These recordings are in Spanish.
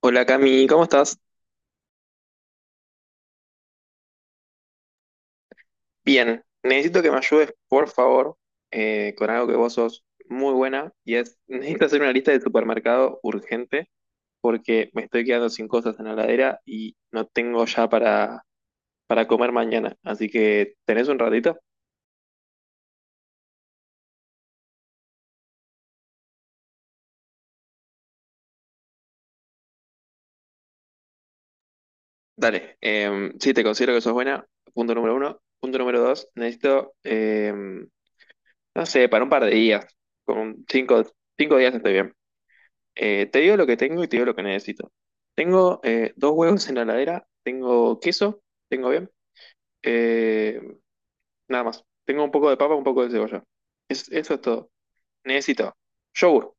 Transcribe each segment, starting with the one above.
Hola Cami, ¿cómo estás? Bien, necesito que me ayudes, por favor, con algo que vos sos muy buena y es, necesito hacer una lista de supermercado urgente porque me estoy quedando sin cosas en la heladera y no tengo ya para comer mañana. Así que, ¿tenés un ratito? Dale, sí, te considero que sos buena, punto número uno. Punto número dos, necesito, no sé, para un par de días, con cinco días estoy bien. Te digo lo que tengo y te digo lo que necesito. Tengo dos huevos en la heladera, tengo queso, tengo bien, eh, nada más. Tengo un poco de papa, un poco de cebolla. Eso es todo. Necesito yogur,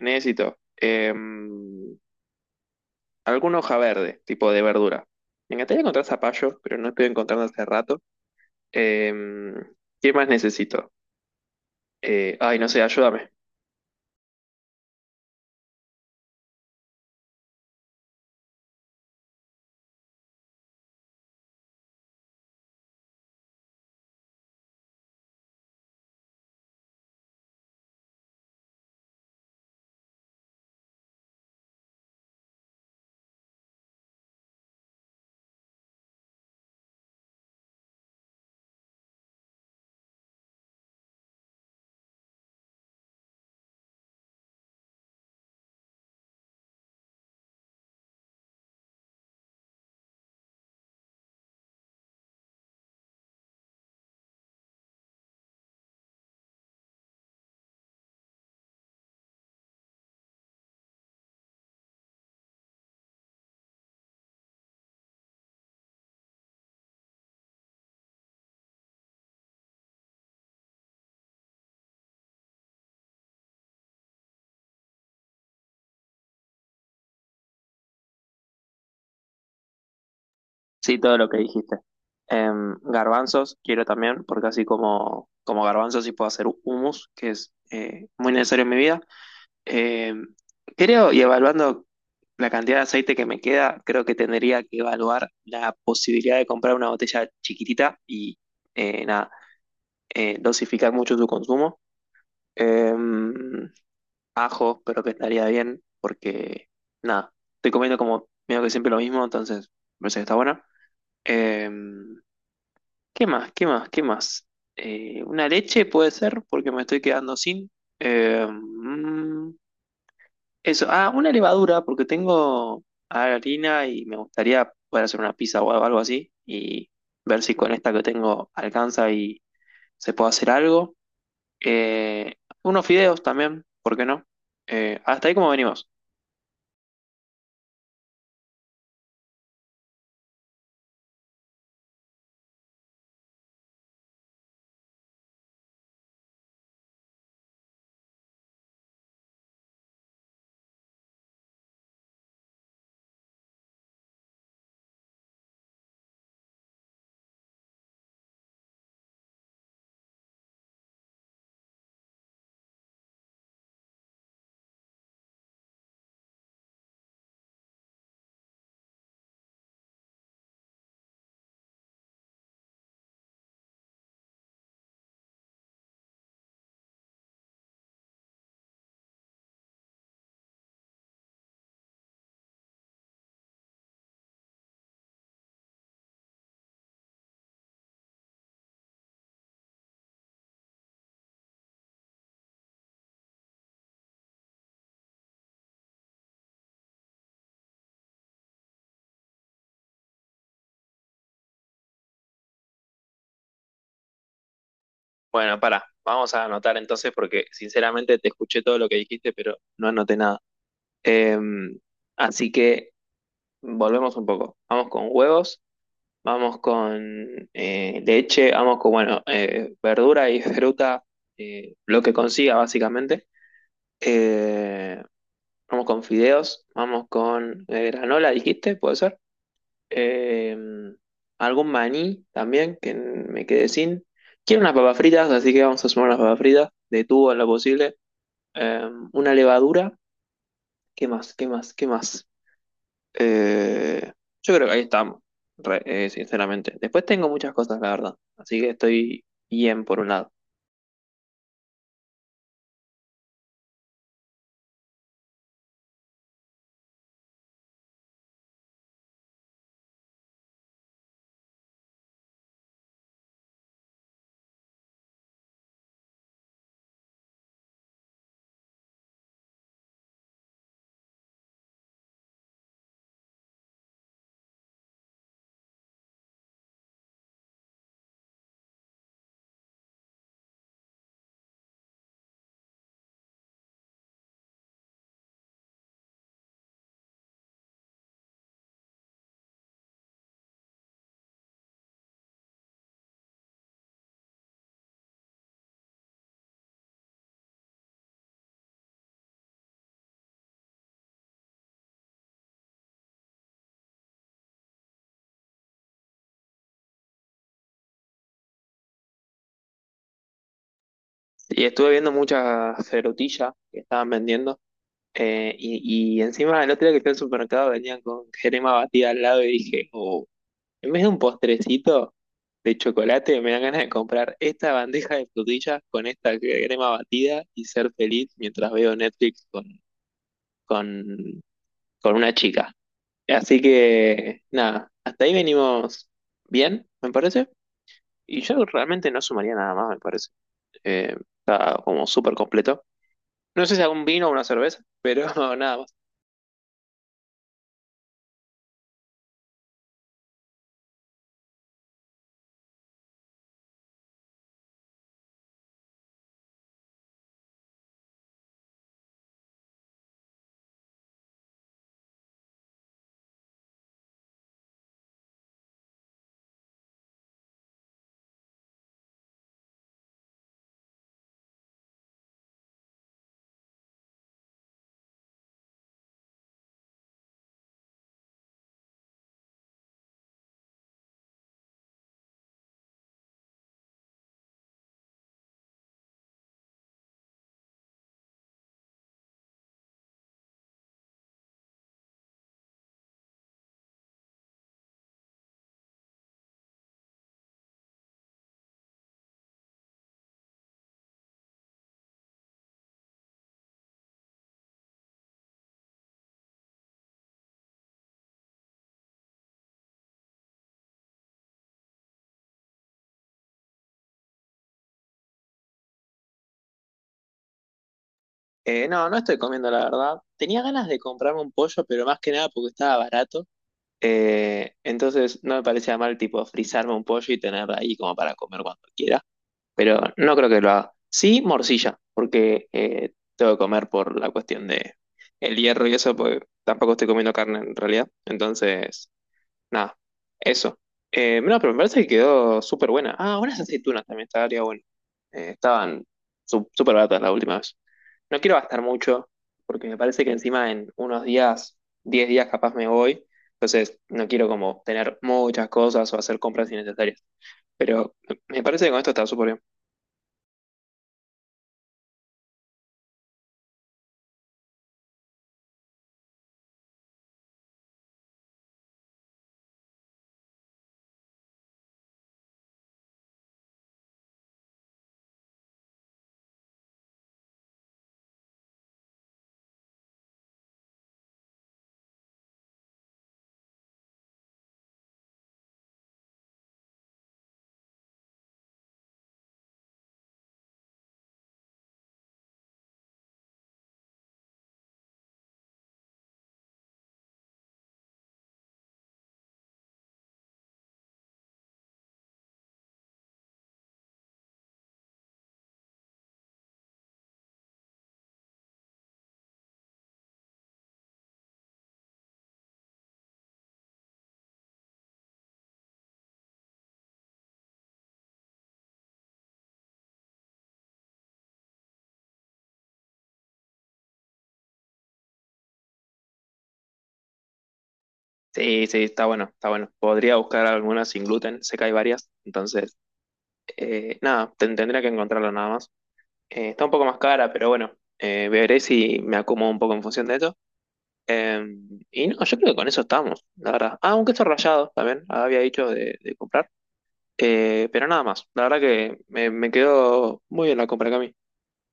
necesito alguna hoja verde, tipo de verdura. Me encantaría encontrar zapallo, pero no estoy encontrando hace rato. Eh, ¿Qué más necesito? Ay, no sé, ayúdame. Sí, todo lo que dijiste. Garbanzos quiero también, porque así como, como garbanzos sí puedo hacer hummus, que es muy necesario en mi vida. Em, creo, y evaluando la cantidad de aceite que me queda, creo que tendría que evaluar la posibilidad de comprar una botella chiquitita y nada, dosificar mucho su consumo. Em, ajo, pero que estaría bien, porque nada, estoy comiendo como medio que siempre lo mismo, entonces me parece que está bueno. Em, ¿qué más? ¿Qué más? ¿Qué más? ¿Una leche puede ser? Porque me estoy quedando sin. Eh, mm, eso. Ah, una levadura, porque tengo harina y me gustaría poder hacer una pizza o algo así. Y ver si con esta que tengo alcanza y se puede hacer algo. Eh, unos fideos también, ¿por qué no? Hasta ahí como venimos. Bueno, para. Vamos a anotar entonces porque sinceramente te escuché todo lo que dijiste, pero no anoté nada. Em, así que volvemos un poco. Vamos con huevos, vamos con leche, vamos con, bueno, verdura y fruta, lo que consiga básicamente. Eh, vamos con fideos, vamos con granola, dijiste, puede ser. Eh, algún maní también, que me quedé sin. Quiero unas papas fritas, así que vamos a sumar unas papas fritas, de tubo en lo posible. Una levadura, ¿qué más? ¿Qué más? ¿Qué más? Eh, yo creo que ahí estamos, sinceramente. Después tengo muchas cosas, la verdad. Así que estoy bien por un lado. Y estuve viendo muchas ferutillas que estaban vendiendo. Y encima el otro día que fui al supermercado venían con crema batida al lado y dije, oh, en vez de un postrecito de chocolate, me dan ganas de comprar esta bandeja de frutillas con esta crema batida y ser feliz mientras veo Netflix con, con una chica. Así que, nada, hasta ahí venimos bien, me parece. Y yo realmente no sumaría nada más, me parece. Eh, está como súper completo. No sé si algún vino o una cerveza, pero nada más. No, no estoy comiendo, la verdad. Tenía ganas de comprarme un pollo, pero más que nada porque estaba barato. Entonces no me parecía mal, tipo, frizarme un pollo y tener ahí como para comer cuando quiera. Pero no creo que lo haga. Sí, morcilla, porque tengo que comer por la cuestión de el hierro y eso, pues tampoco estoy comiendo carne en realidad. Entonces, nada, eso. No, pero me parece que quedó súper buena. Ah, unas aceitunas también estaría bueno. Estaban súper baratas la última vez. No quiero gastar mucho, porque me parece que encima en unos días, 10 días capaz me voy. Entonces, no quiero como tener muchas cosas o hacer compras innecesarias. Pero me parece que con esto está súper bien. Sí, sí, está bueno, está bueno. Podría buscar algunas sin gluten, sé que hay varias, entonces, nada, tendría que encontrarlo nada más. Está un poco más cara, pero bueno, veré si me acomodo un poco en función de eso. Eh, y no, yo creo que con eso estamos, la verdad. Ah, un queso rallado también, había dicho de comprar. Pero nada más. La verdad que me quedó muy bien la compra, Cami.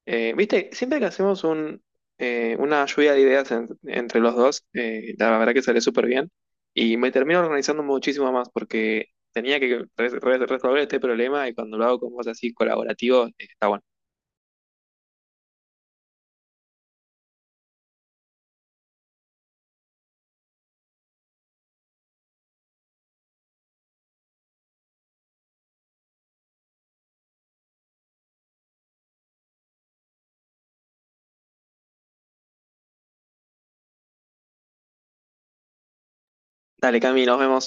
Viste, siempre que hacemos una lluvia de ideas entre los dos, la verdad que sale súper bien y me termino organizando muchísimo más porque tenía que resolver este problema y cuando lo hago con vos así colaborativo, está bueno. Dale, Cami, nos vemos.